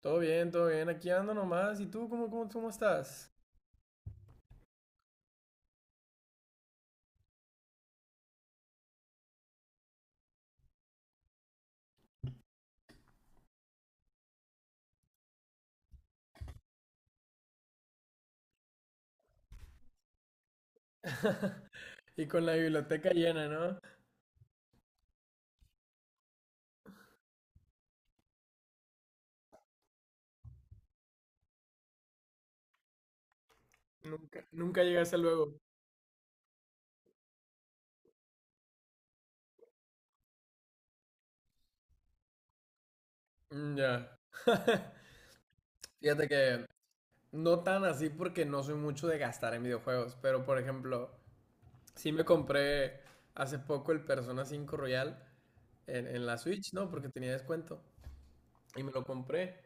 Todo bien, todo bien. Aquí ando nomás. ¿Y tú cómo estás? Y con la biblioteca llena, ¿no? Nunca, nunca llegas a luego. Mm, ya. Fíjate que no tan así porque no soy mucho de gastar en videojuegos, pero por ejemplo, sí me compré hace poco el Persona 5 Royal en la Switch, ¿no? Porque tenía descuento. Y me lo compré.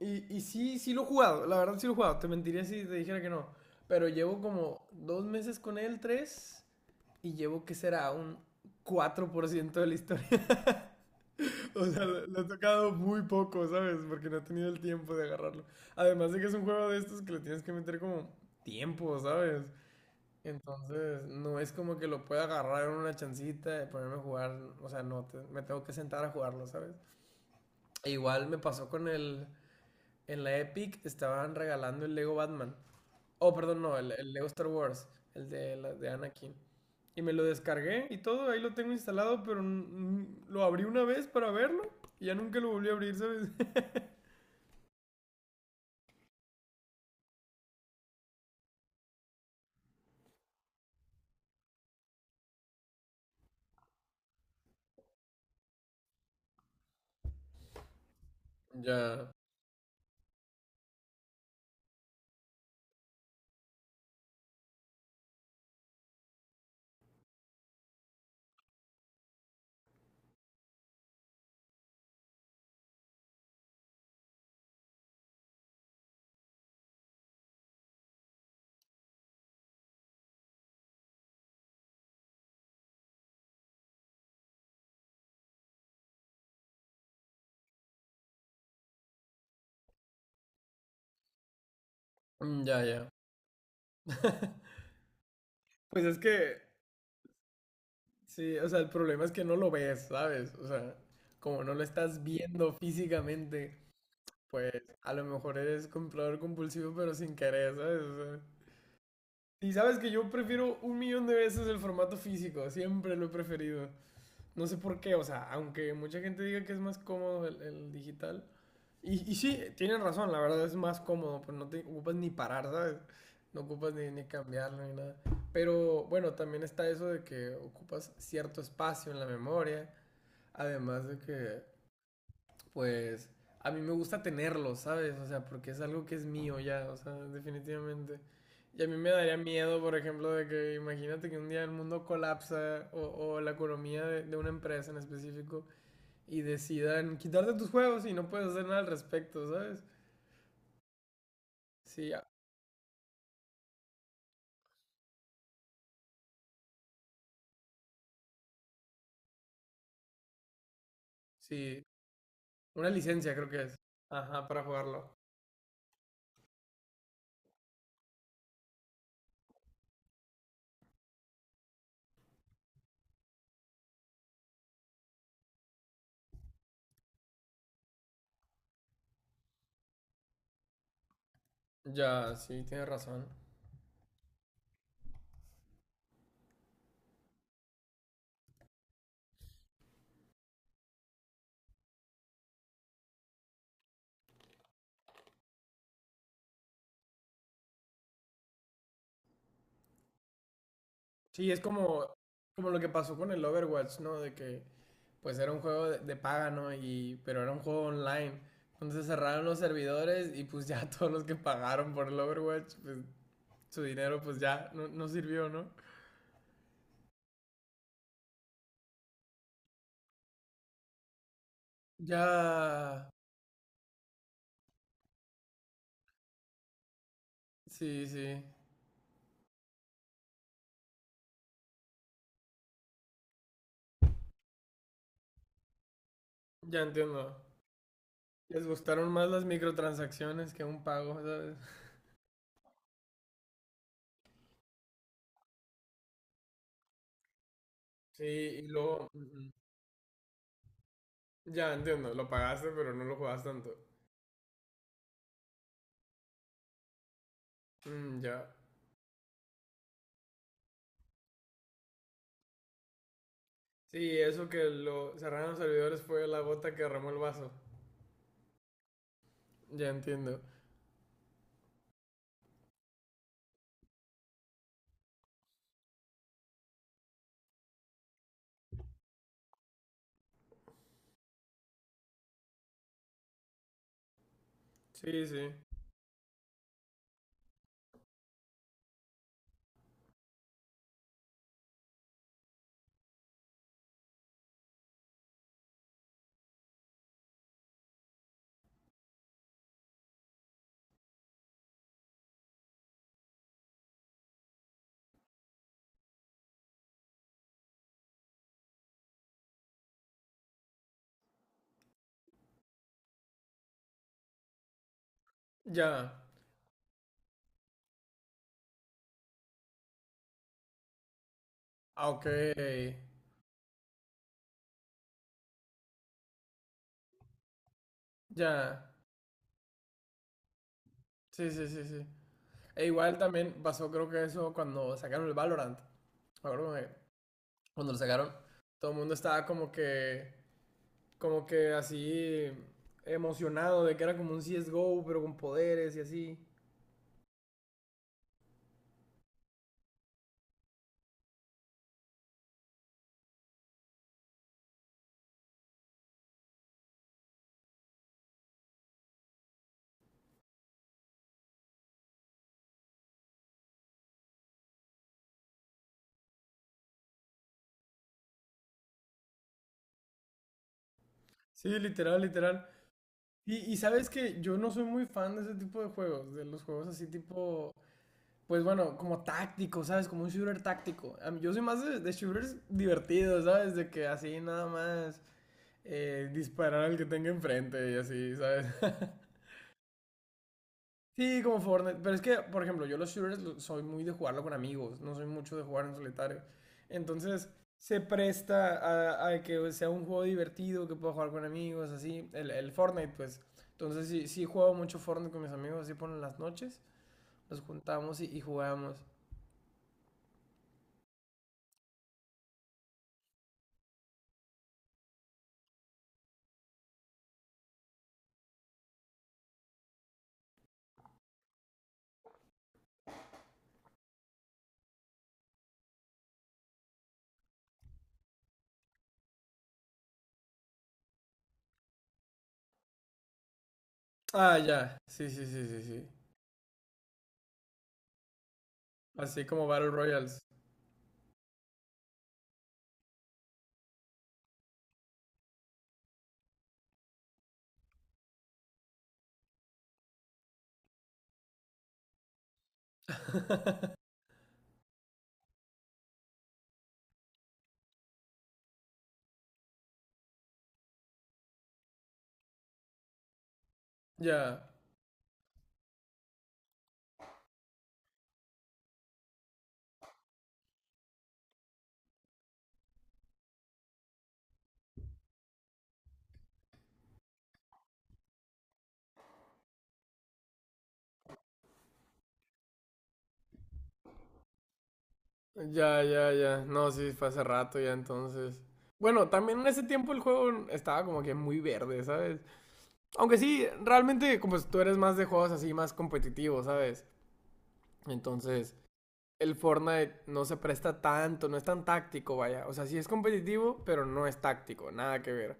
Y sí, sí lo he jugado, la verdad sí lo he jugado, te mentiría si te dijera que no. Pero llevo como dos meses con él, tres, y llevo que será un 4% de la historia. O sea, lo he tocado muy poco, ¿sabes? Porque no he tenido el tiempo de agarrarlo. Además de que es un juego de estos que le tienes que meter como tiempo, ¿sabes? Entonces, no es como que lo pueda agarrar en una chancita y ponerme a jugar. O sea, no, me tengo que sentar a jugarlo, ¿sabes? E igual me pasó con el en la Epic estaban regalando el Lego Batman. Oh, perdón, no, el Lego Star Wars, el de, de Anakin. Y me lo descargué y todo, ahí lo tengo instalado, pero lo abrí una vez para verlo y ya nunca lo volví a abrir, ¿sabes? Ya, ya. Pues es que, sí, o sea, el problema es que no lo ves, ¿sabes? O sea, como no lo estás viendo físicamente, pues a lo mejor eres comprador compulsivo, pero sin querer, ¿sabes? O sea, y sabes que yo prefiero un millón de veces el formato físico, siempre lo he preferido. No sé por qué, o sea, aunque mucha gente diga que es más cómodo el digital. Y sí, tienen razón, la verdad es más cómodo, pues no te ocupas ni parar, ¿sabes? No ocupas ni cambiarlo ni nada. Pero bueno, también está eso de que ocupas cierto espacio en la memoria, además de que pues a mí me gusta tenerlo, ¿sabes? O sea, porque es algo que es mío ya, o sea, definitivamente. Y a mí me daría miedo, por ejemplo, de que imagínate que un día el mundo colapsa o la economía de una empresa en específico y decidan quitarte tus juegos y no puedes hacer nada al respecto, ¿sabes? Sí, sí, una licencia creo que es. Ajá, para jugarlo. Ya, sí, tienes razón. Sí, es como, como lo que pasó con el Overwatch, ¿no? De que pues era un juego de paga, ¿no? Y, pero era un juego online. Entonces cerraron los servidores y pues ya todos los que pagaron por el Overwatch, pues su dinero pues ya no, no sirvió, ¿no? Ya... Sí, sí, ya entiendo. Les gustaron más las microtransacciones que un pago, ¿sabes? Sí, y luego... ya entiendo, lo pagaste pero no lo jugaste tanto. Mm, ya. Sí, eso que lo cerraron los servidores fue la gota que derramó el vaso. Ya entiendo. Sí, sí. Ya. Ah, ok. Ya. Sí, sí, sí, sí. E igual también pasó, creo que eso cuando sacaron el Valorant. Me acuerdo que cuando lo sacaron, todo el mundo estaba como que así emocionado de que era como un CSGO, pero con poderes y así. Sí, literal, literal. Y sabes que yo no soy muy fan de ese tipo de juegos, de los juegos así tipo, pues bueno, como táctico, ¿sabes? Como un shooter táctico. Yo soy más de shooters divertidos, ¿sabes? De que así nada más disparar al que tenga enfrente y así, ¿sabes? Sí, como Fortnite. Pero es que, por ejemplo, yo los shooters soy muy de jugarlo con amigos, no soy mucho de jugar en solitario. Entonces, se presta a que sea un juego divertido, que pueda jugar con amigos, así. El Fortnite, pues. Entonces, sí, sí juego mucho Fortnite con mis amigos, así por las noches. Nos juntamos y jugamos. Ah, ya. Sí, sí, sí, sí, sí. Así como Battle Royals. Ya. Ya, ya, ya. No, sí, fue hace rato ya entonces. Bueno, también en ese tiempo el juego estaba como que muy verde, ¿sabes? Aunque sí, realmente como tú eres más de juegos así, más competitivos, ¿sabes? Entonces, el Fortnite no se presta tanto, no es tan táctico, vaya. O sea, sí es competitivo, pero no es táctico, nada que ver.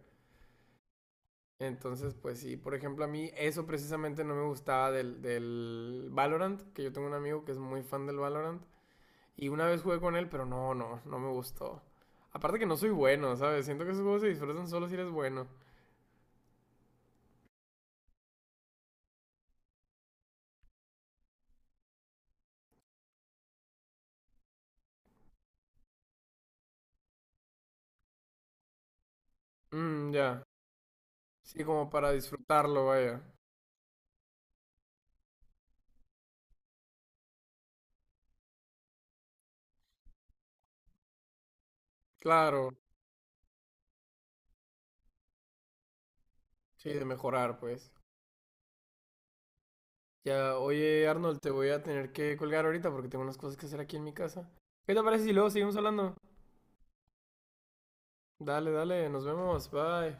Entonces, pues sí, por ejemplo, a mí eso precisamente no me gustaba del Valorant, que yo tengo un amigo que es muy fan del Valorant. Y una vez jugué con él, pero no, no, no me gustó. Aparte que no soy bueno, ¿sabes? Siento que esos juegos se disfrutan solo si eres bueno. Mmm, ya. Sí, como para disfrutarlo, vaya. Claro. Sí, de mejorar, pues. Ya, oye, Arnold, te voy a tener que colgar ahorita porque tengo unas cosas que hacer aquí en mi casa. ¿Qué te parece si luego seguimos hablando? Dale, dale, nos vemos, bye.